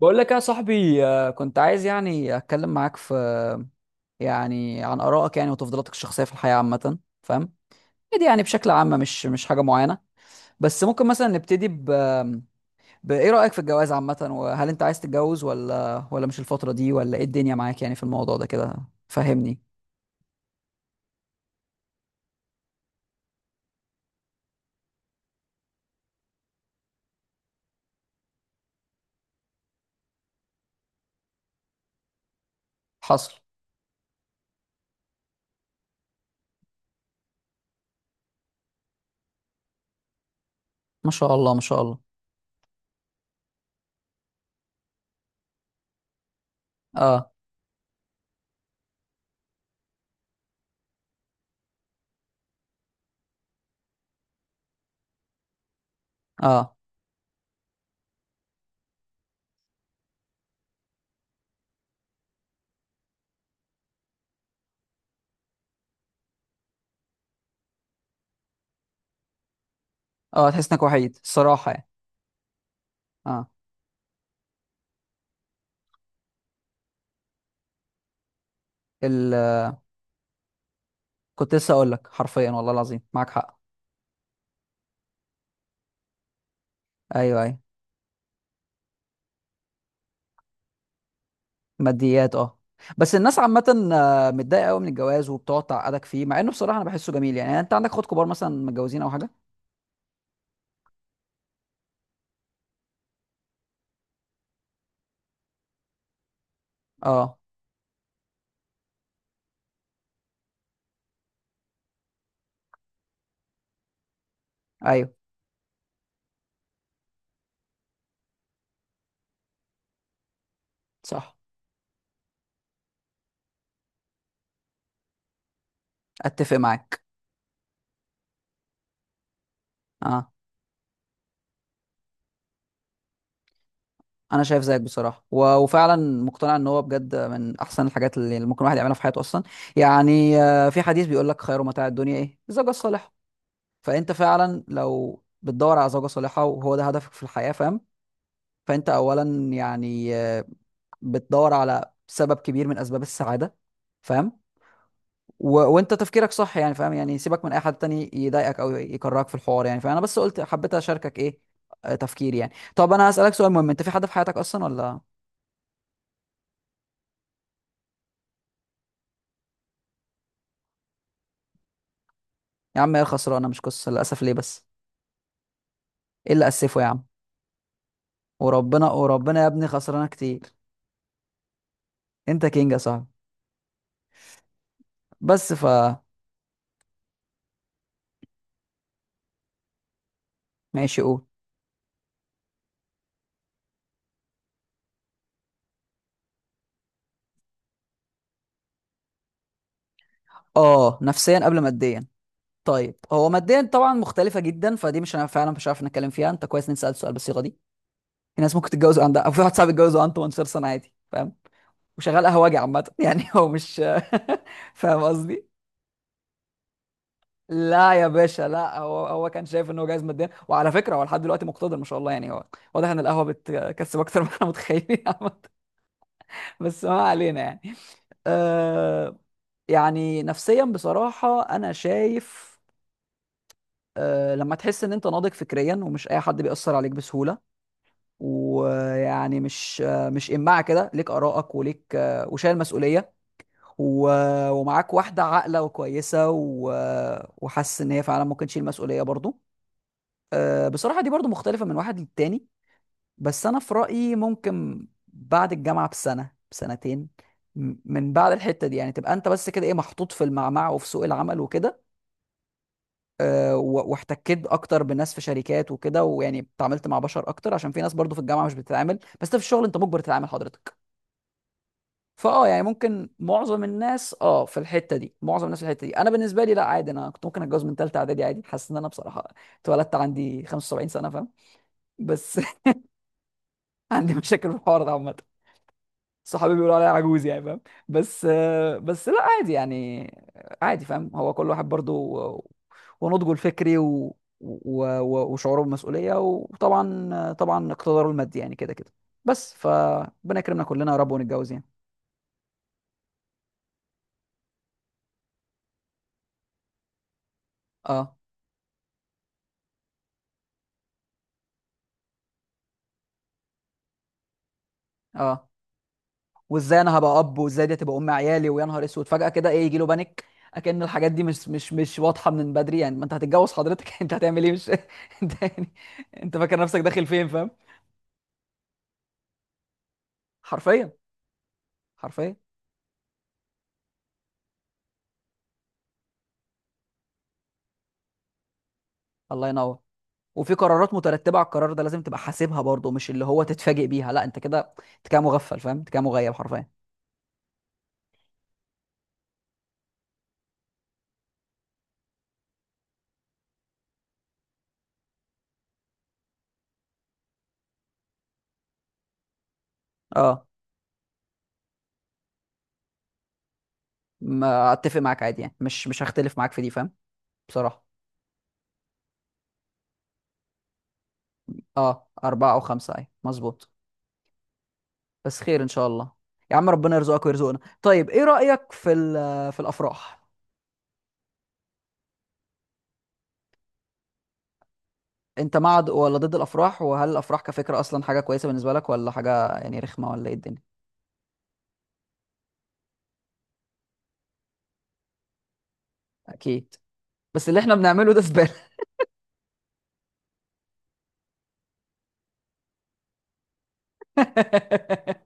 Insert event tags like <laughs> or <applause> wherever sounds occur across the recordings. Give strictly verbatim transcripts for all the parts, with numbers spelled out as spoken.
بقول لك يا صاحبي آه، كنت عايز يعني اتكلم معاك في يعني عن ارائك، يعني وتفضيلاتك الشخصيه في الحياه عامه. فاهم؟ دي يعني بشكل عام مش مش حاجه معينه. بس ممكن مثلا نبتدي ب بايه رايك في الجواز عامه؟ وهل انت عايز تتجوز ولا ولا مش الفتره دي، ولا ايه الدنيا معاك يعني في الموضوع ده كده؟ فهمني. حصل. ما شاء الله ما شاء الله. اه اه اه، تحس انك وحيد الصراحه يعني. اه. ال... كنت لسه اقول لك حرفيا والله العظيم معاك حق. ايوه ايوه. ماديات اه. بس الناس عامة آه، متضايقة قوي من الجواز وبتقعد تعقدك فيه، مع انه بصراحة انا بحسه جميل يعني. يعني انت عندك اخوات كبار مثلا متجوزين او حاجة؟ اه. ايوه. صح. اتفق معاك. اه. انا شايف زيك بصراحة و... وفعلا مقتنع ان هو بجد من احسن الحاجات اللي ممكن الواحد يعملها في حياته اصلا. يعني آه، في حديث بيقول لك خير متاع الدنيا ايه؟ الزوجة الصالحة. فانت فعلا لو بتدور على زوجة صالحة وهو ده هدفك في الحياة، فاهم؟ فانت اولا يعني آه، بتدور على سبب كبير من اسباب السعادة. فاهم؟ و... وانت تفكيرك صح يعني. فاهم؟ يعني سيبك من اي حد تاني يضايقك او يكرهك في الحوار يعني، فانا بس قلت حبيت اشاركك ايه آه، تفكيري يعني. طب انا هسألك سؤال مهم، انت في حد في حياتك اصلا ولا؟ يا عم ايه خسرانه، مش قصه للاسف ليه بس؟ ايه اللي اسفه يا عم. وربنا وربنا يا ابني خسرانه كتير. انت كينج يا صاحبي. بس ف ماشي قول. اه نفسيا قبل ماديا. طيب هو ماديا طبعا مختلفه جدا، فدي مش، انا فعلا مش عارف نتكلم فيها. انت كويس اني سألت السؤال بالصيغه دي. في ناس ممكن تتجوز عندها، او في واحد صاحبي اتجوز وعنده تمنتاشر سنه عادي، فاهم؟ وشغال قهوجي عامة <laughs> يعني هو مش. <laughs> فاهم قصدي؟ لا يا باشا لا، هو هو كان شايف ان هو جايز ماديا، وعلى فكره هو لحد دلوقتي مقتدر ما شاء الله. يعني هو واضح ان القهوه بتكسب اكتر <laughs> ما احنا متخيلين <laughs> عامة. بس ما علينا يعني. آه يعني نفسيا بصراحه انا شايف، آه لما تحس ان انت ناضج فكريا ومش اي حد بيأثر عليك بسهوله، ويعني مش آه مش إماعة كده. ليك آرائك، وليك آه وشايل مسؤولية، و... ومعاك واحدة عاقلة وكويسة، و... وحاسس إن هي فعلا ممكن تشيل مسؤولية برضو. أه بصراحة دي برضو مختلفة من واحد للتاني. بس أنا في رأيي ممكن بعد الجامعة بسنة بسنتين، م- من بعد الحتة دي يعني، تبقى أنت بس كده إيه، محطوط في المعمعة وفي سوق العمل وكده. أه و- واحتكيت أكتر بناس في شركات وكده، ويعني اتعاملت مع بشر أكتر، عشان في ناس برضو في الجامعة مش بتتعامل. بس أنت في الشغل أنت مجبر تتعامل حضرتك. فاه يعني ممكن معظم الناس اه في الحته دي، معظم الناس في الحته دي، انا بالنسبه لي لا عادي. انا كنت ممكن اتجوز من ثالثه اعدادي عادي. حاسس ان انا بصراحه اتولدت عندي خمسة وسبعين سنه، فاهم؟ بس <laughs> عندي مشاكل في الحوار ده عامه. صحابي بيقولوا عليا عجوز يعني، فاهم؟ بس آه، بس لا عادي يعني. عادي فاهم، هو كل واحد برضو و- ونضجه الفكري و... و... و... وشعوره بالمسؤوليه، وطبعا طبعا اقتداره المادي، يعني كده كده. بس فربنا يكرمنا كلنا يا رب ونتجوز يعني. اه اه، وازاي انا هبقى اب، وازاي دي هتبقى ام عيالي، ويا نهار اسود فجاه كده ايه، يجي له بانيك. اكن الحاجات دي مش مش مش واضحه من بدري يعني. ما انت هتتجوز حضرتك <laughs> انت هتعمل ايه مش <laughs> انت يعني انت فاكر نفسك داخل فين، فاهم؟ حرفيا. حرفيا. الله ينور. وفي قرارات مترتبه على القرار ده، لازم تبقى حاسبها برضه، مش اللي هو تتفاجئ بيها. لا، انت كده، انت كده مغفل فاهم، انت كده مغيب حرفيا. اه ما اتفق معاك، عادي يعني، مش مش هختلف معاك في دي، فاهم؟ بصراحه اه أربعة أو خمسة، أيوة مظبوط. بس خير ان شاء الله. يا عم ربنا يرزقك ويرزقنا. طيب ايه رأيك في ال- في الافراح؟ انت مع د- ولا ضد الافراح؟ وهل الافراح كفكرة اصلا حاجة كويسة بالنسبة لك، ولا حاجة يعني رخمة، ولا ايه الدنيا؟ اكيد. بس اللي احنا بنعمله ده زبالة. <laughs>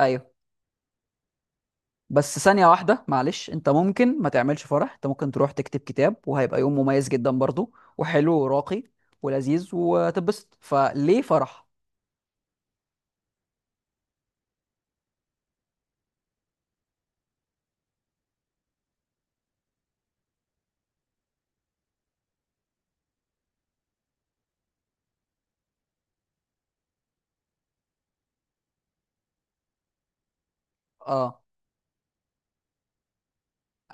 ايوه. بس ثانية واحدة معلش، انت ممكن ما تعملش فرح. انت ممكن تروح تكتب كتاب وهيبقى يوم مميز جدا برضو، وحلو وراقي ولذيذ وتبسط، فليه فرح؟ اه.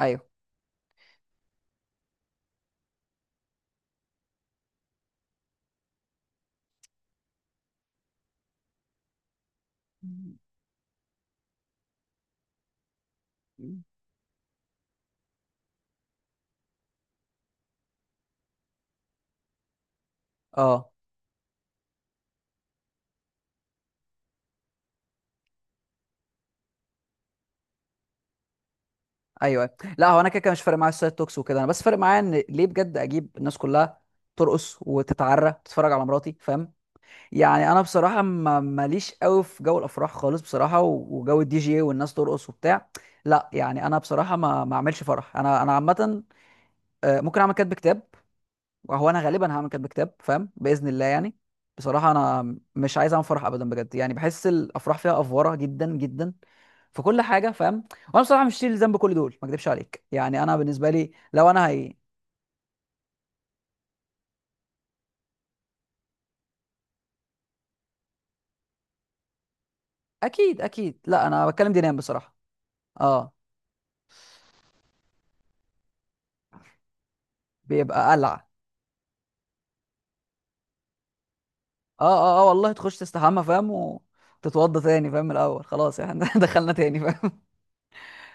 ايوه. اه ايوه، لا هو انا كده كده مش فارق معايا السايد توكس وكده. انا بس فارق معايا ان ليه بجد اجيب الناس كلها ترقص وتتعرى تتفرج على مراتي، فاهم؟ يعني انا بصراحه ما ماليش قوي في جو الافراح خالص بصراحه، و- وجو الدي جي والناس ترقص وبتاع. لا يعني انا بصراحه ما ما اعملش فرح. انا انا عامه آه، ممكن اعمل كاتب كتاب. هو انا غالبا هعمل كاتب كتاب فاهم، باذن الله يعني. بصراحه انا مش عايز اعمل فرح ابدا بجد يعني. بحس الافراح فيها افوره جدا جدا في كل حاجه فاهم. وانا بصراحه مش شايل ذنب كل دول، ما اكدبش عليك. يعني انا بالنسبه لي لو انا هي. اكيد اكيد لا انا بتكلم دينام بصراحه. اه. بيبقى قلع. اه اه اه والله، تخش تستحمى فاهم، وتتوضى تاني فاهم من الاول خلاص يعني <laughs> دخلنا تاني فاهم.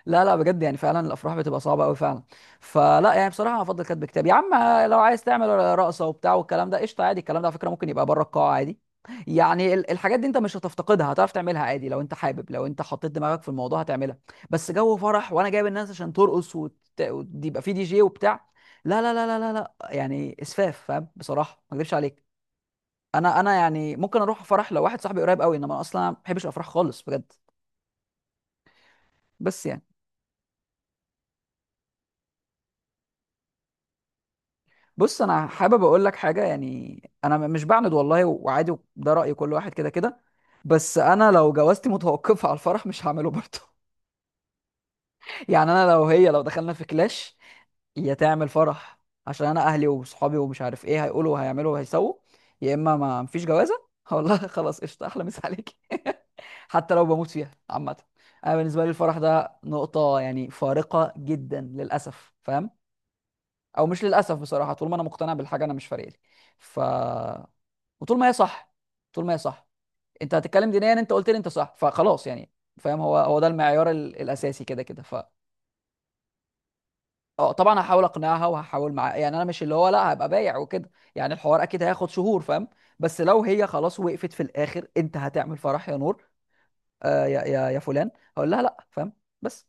لا لا بجد يعني فعلا الافراح بتبقى صعبه قوي فعلا. فلا يعني بصراحه انا افضل كاتب كتاب يا عم. لو عايز تعمل رقصه وبتاع والكلام ده قشطه عادي. الكلام ده على فكره ممكن يبقى بره القاعه عادي. يعني ال- الحاجات دي انت مش هتفتقدها، هتعرف تعملها عادي لو انت حابب. لو انت حطيت دماغك في الموضوع هتعملها. بس جو فرح وانا جايب الناس عشان ترقص وت... وت- يبقى في دي جي وبتاع. لا لا لا لا لا لا يعني اسفاف فاهم، بصراحه ما اكذبش عليك. انا انا يعني ممكن اروح فرح لو واحد صاحبي قريب قوي. انما انا اصلا ما بحبش الافراح خالص بجد. بس يعني. بص انا حابب اقول لك حاجه يعني، انا م- مش بعند والله، وعادي ده راي كل واحد كده كده. بس انا لو جوازتي <laughs> متوقفه على الفرح مش هعمله برضه. <laughs> يعني انا لو هي لو دخلنا في كلاش، يا تعمل فرح عشان انا اهلي وصحابي ومش عارف ايه هيقولوا وهيعملوا وهيسووا، يا اما ما مفيش جوازه <laughs> والله خلاص قشطه احلى مسا عليكي. حتى لو بموت فيها عامه. انا بالنسبه لي الفرح ده نقطه يعني فارقه جدا للاسف فاهم. او مش للاسف بصراحه، طول ما انا مقتنع بالحاجه انا مش فارق لي. ف وطول ما هي صح، طول ما هي صح. انت هتتكلم دينيا، انت قلت لي انت صح، فخلاص يعني. فاهم، هو هو ده المعيار ال... الاساسي كده كده. ف اه طبعا هحاول اقنعها وهحاول معاها يعني، انا مش اللي هو لا هبقى بايع وكده يعني. الحوار اكيد هياخد شهور فاهم. بس لو هي خلاص وقفت في الاخر، انت هتعمل فرح يا نور؟ آه يا يا يا فلان، هقول لها لا، فاهم؟ بس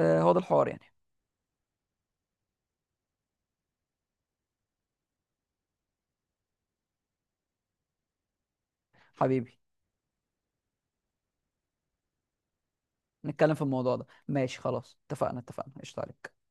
آه هو ده الحوار يعني. حبيبي، نتكلم في الموضوع ده ماشي خلاص اتفقنا اتفقنا قشطة عليك.